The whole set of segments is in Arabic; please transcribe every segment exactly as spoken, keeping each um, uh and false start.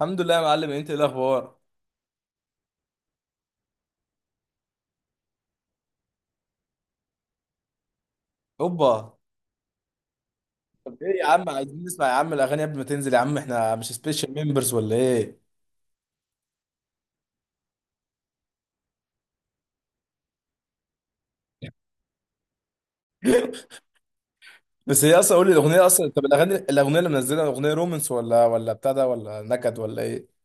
الحمد لله يا معلم، انت ايه الاخبار؟ اوبا. طب ايه يا عم، عايزين نسمع يا عم الاغاني قبل ما تنزل يا عم، احنا مش سبيشال ممبرز ولا ايه؟ بس هي اصلا قول لي الاغنيه اصلا، طب الاغاني، الاغنيه اللي منزلها اغنيه رومانس ولا ولا بتاع ده ولا نكد ولا ايه؟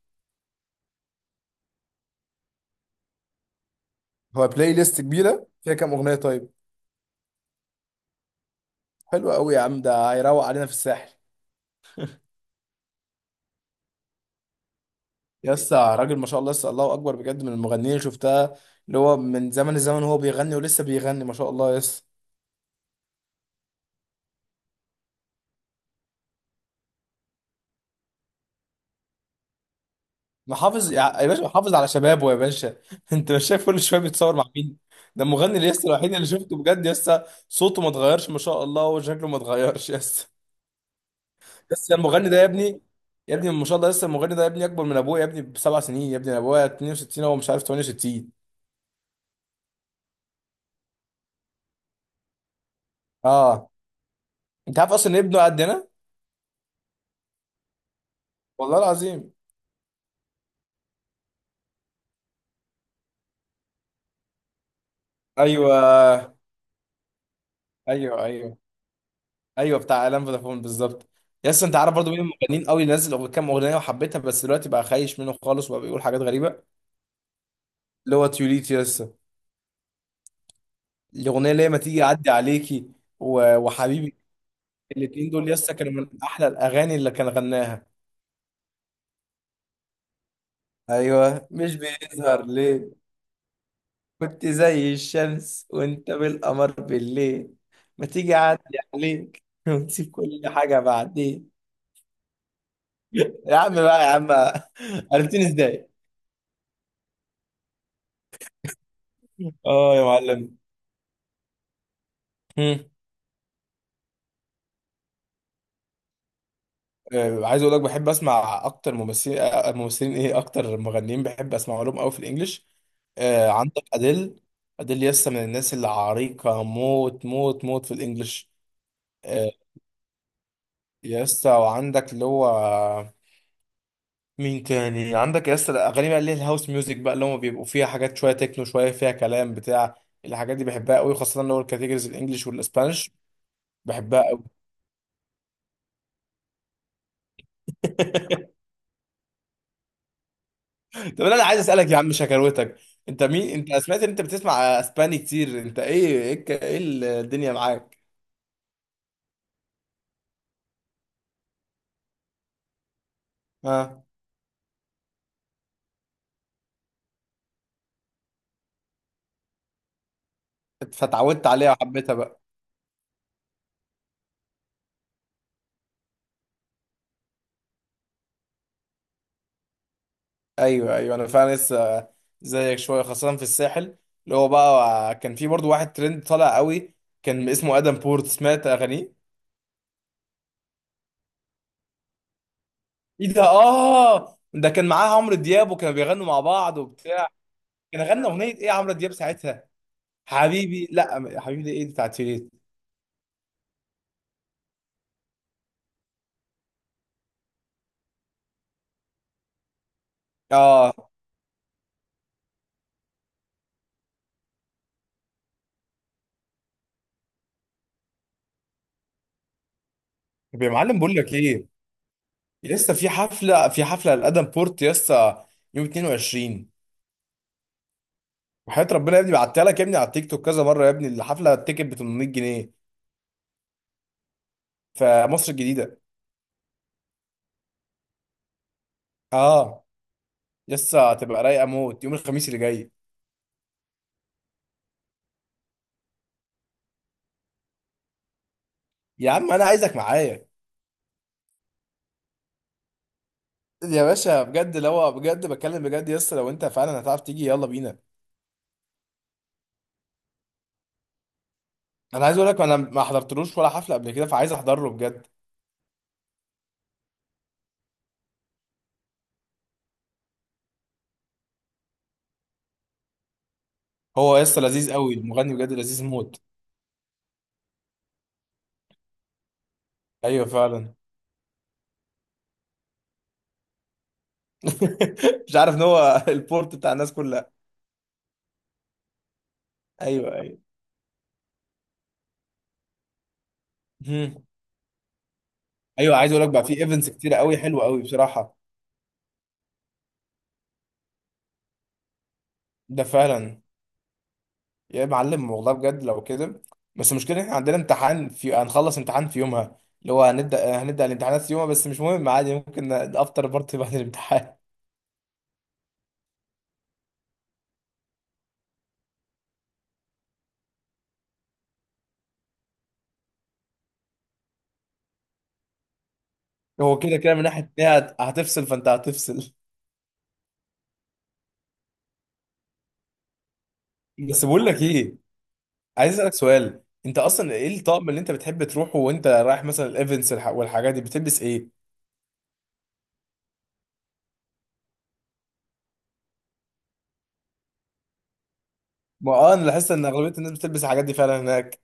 هو بلاي ليست كبيره، فيها كام اغنيه طيب؟ حلوه قوي يا عم، ده هيروق علينا في الساحل. يا اسطى راجل ما شاء الله، لسه الله اكبر بجد من المغنيين اللي شفتها، اللي هو من زمن الزمن، هو بيغني ولسه بيغني ما شاء الله يس. محافظ يا يا باشا، محافظ على شبابه يا باشا. انت مش شايف كل شويه بيتصور مع مين؟ ده المغني لسه الوحيد اللي شفته بجد، لسه صوته ما اتغيرش ما شاء الله، وشكله ما اتغيرش لسه. لسه المغني ده يا ابني، يا ابني ما شاء الله، لسه المغني ده يا ابني اكبر من ابويا يا ابني بسبع سنين، يا ابني أنا ابويا اتنين وستين هو مش عارف تمانية وستين. اه، انت عارف اصلا ان ابنه قدنا؟ والله العظيم. ايوه، ايوه ايوه. ايوه بتاع اعلان فودافون بالظبط. يس، انت عارف برضو مين المغنيين قوي اللي نزل أغ- كام اغنيه وحبيتها، بس دلوقتي بقى خايش منه خالص وبقى بيقول حاجات غريبه. اللي هو تيوليت يسا، الاغنيه اللي هي ما تيجي اعدي عليكي، و- وحبيبي. الاتنين دول يسا كانوا من احلى الاغاني اللي كان غناها. ايوه، مش بيظهر ليه. كنت زي الشمس وانت بالقمر بالليل، ما تيجي اعدي عليك ونسيب كل حاجه بعدين. يا عم بقى يا عم، عرفتني ازاي؟ اه يا معلم. آه، عايز اقول لك بحب اسمع اكتر ممثلين، آه، ممثلين ايه، اكتر مغنيين بحب اسمع لهم قوي في الانجليش. آه، عندك اديل، اديل يسا من الناس اللي عريقه موت موت موت في الانجليش. آه، يسا وعندك اللي هو، مين تاني عندك يسا. الاغاني بقى اللي هي الهاوس ميوزك بقى، اللي هم بيبقوا فيها حاجات شويه تكنو شويه فيها كلام بتاع، الحاجات دي بحبها قوي، خاصه اللي هو الكاتيجوريز الانجليش والاسبانش. بحبها قوي. طب انا عايز اسالك يا عم شكاوتك، انت مين؟ انت سمعت ان انت بتسمع اسباني كتير؟ انت ايه، ايه الك- إيه الدنيا معاك؟ ها، فتعودت عليها وحبيتها بقى. ايوه ايوه، انا فعلا لسه زيك شويه خاصه في الساحل. اللي هو بقى كان في برضو واحد ترند طالع قوي، كان اسمه ادم بورت. سمعت اغانيه؟ ايه ده، اه، ده كان معاه عمرو دياب وكانوا بيغنوا مع بعض وبتاع. كان غنى اغنيه ايه عمرو دياب ساعتها؟ حبيبي لا حبيبي دي ايه بتاعت شيرين. اه. طب يا معلم بقول لك ايه، لسه في حفله في حفله لادم بورت لسه يوم اتنين وعشرين. وحياة ربنا يا ابني بعتها لك يا ابني على التيك توك كذا مره يا ابني، الحفله التيكت ب تمنمية جنيه. في مصر الجديده. اه. لسه هتبقى رايقه موت يوم الخميس اللي جاي. يا عم انا عايزك معايا. يا باشا بجد، لو بجد بتكلم بجد لسه، لو انت فعلا هتعرف تيجي يلا بينا. انا عايز اقول لك انا ما حضرتلوش ولا حفله قبل كده، فعايز احضره بجد. هو لسه لذيذ قوي المغني، بجد لذيذ موت. ايوه فعلا. مش عارف ان هو البورت بتاع الناس كلها. ايوه، ايوه. مم. ايوه، عايز اقول لك بقى في ايفنتس كتير قوي حلوه قوي بصراحه. ده فعلا. يا معلم والله بجد لو كده، بس المشكله احنا عندنا امتحان في، هنخلص امتحان في يومها، اللي هو هنبدا هنبدا الامتحانات في يومها، بس مش مهم عادي، ممكن افطر بارتي بعد الامتحان. هو كده كده من ناحيه إن هي هت- هتفصل، فانت هتفصل. بس بقول لك ايه، عايز اسالك سؤال، انت اصلا ايه الطقم اللي انت بتحب تروحه وانت رايح مثلا الايفنتس والح- والحاجات دي، بتلبس ايه؟ ما اه، انا لاحظت ان اغلبيه الناس بتلبس الحاجات دي فعلا هناك.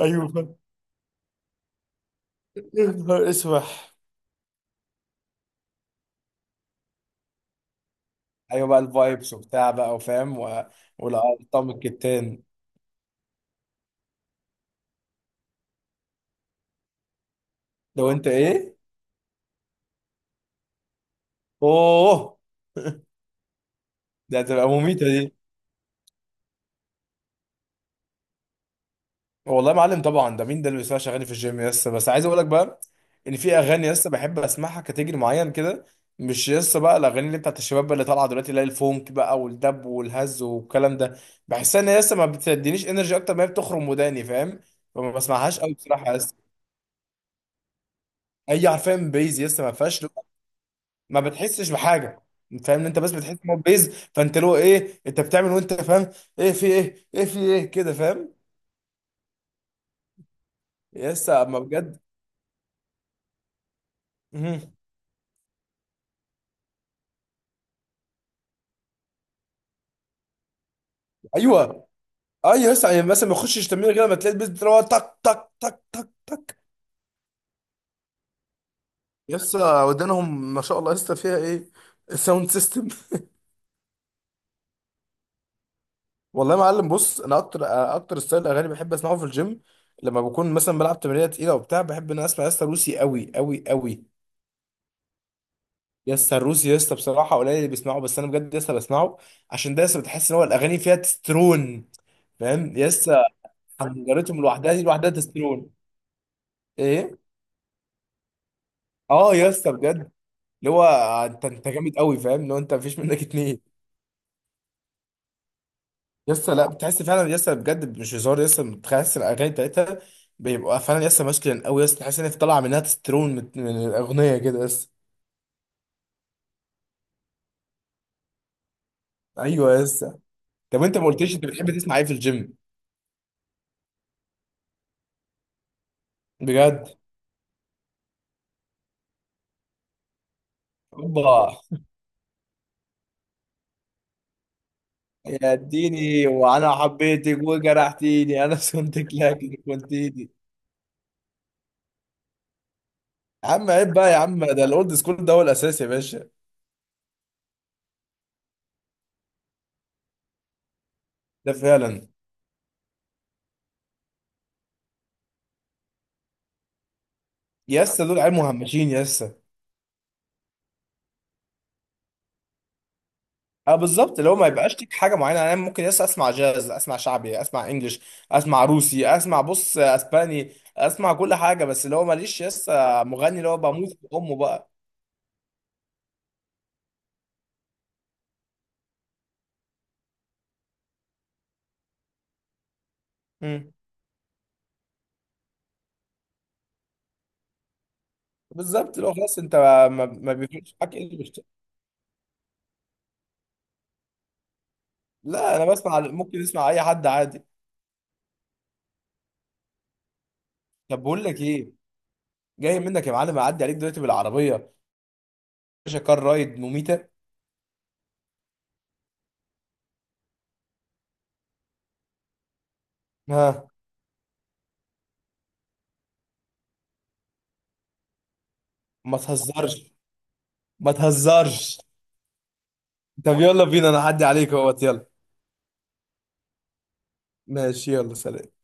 ايوه. يا نهار اسود. ايوه بقى الفايبس وبتاع بقى وفاهم و... والارقام الكتان. لو انت ايه؟ اوه. ده هتبقى مميته دي. والله يا معلم طبعا، ده مين ده اللي بيسمع اغاني في الجيم يس، بس عايز اقول لك بقى ان في اغاني يس بحب اسمعها كاتيجري معين كده، مش يس بقى الاغاني اللي بتاعت الشباب بقى اللي طالعه دلوقتي اللي هي الفونك بقى والدب والهز والكلام ده، بحسها ان هي يس ما بتدينيش انرجي، اكتر ما هي بتخرم وداني فاهم، فما بسمعهاش قوي بصراحه يس. اي عارفين، بيز يس ما فيهاش. ما بتحسش بحاجه، انت فاهم، انت بس بتحس ان هو بيز، فانت له ايه انت بتعمل وانت فاهم، ايه في ايه، ايه في ايه كده فاهم؟ يسا اما بجد. مهم. ايوه ايوه يسا، يعني مثلا ما يخشش تمرين كده ما تلاقي البيز بتروح تك تك تك تك تك. يسا ودانهم ما شاء الله يسا، فيها ايه الساوند سيستم. والله يا معلم بص، انا اكتر اكتر ستايل اغاني بحب اسمعه في الجيم لما بكون مثلا بلعب تمرينه تقيله وبتاع، بحب ان أنا اسمع يسا روسي قوي قوي قوي. يا اسطى الروسي يا اسطى بصراحه قليل اللي بيسمعه، بس انا بجد يا اسطى بسمعه، عشان ده يا اسطى بتحس ان هو الاغاني فيها تسترون، فاهم يا اسطى؟ حنجرتهم لوحدها دي لوحدها تسترون. ايه. اه يا اسطى بجد، اللي هو انت، انت جامد قوي فاهم، اللي هو انت مفيش منك اتنين. يا اسطى لا، بتحس فعلا يا اسطى، بجد مش هزار يا اسطى، بتحس الاغاني بتاعتها بيبقى فعلا يا اسطى ماسكلين قوي يا اسطى، تحس ان هي طالعه منها تسترون من من الاغنيه كده يا اسطى. ايوه يا اسطى. طب انت ما قلتليش انت بتحب تسمع ايه في الجيم؟ بجد. اوبا. يا اديني وانا حبيتك وجرحتيني انا سنتك لكن كنتيني. يا عم عيب بقى يا عم، ده الاولد سكول ده هو الاساس يا باشا. ده فعلا. يسا دول عيال مهمشين يسا. اه بالظبط، اللي هو ما يبقاش ليك حاجه معينه، انا ممكن يسا اسمع جاز، اسمع شعبي، اسمع انجلش، اسمع روسي، اسمع بص اسباني، اسمع كل حاجه، بس اللي هو ماليش يسا مغني اللي هو بموت في امه بقى. مم. بالظبط اللي هو خلاص انت ما, ما بيفرقش معاك انجلش. لا انا بسمع، ممكن اسمع اي حد عادي. طب بقول لك ايه، جاي منك يا معلم اعدي عليك دلوقتي بالعربيه. باشا كار رايد مميته. ها. ما تهزرش. ما تهزرش. طب يلا بينا انا اعدي عليك اهوت يلا. ماشي يلا سلام.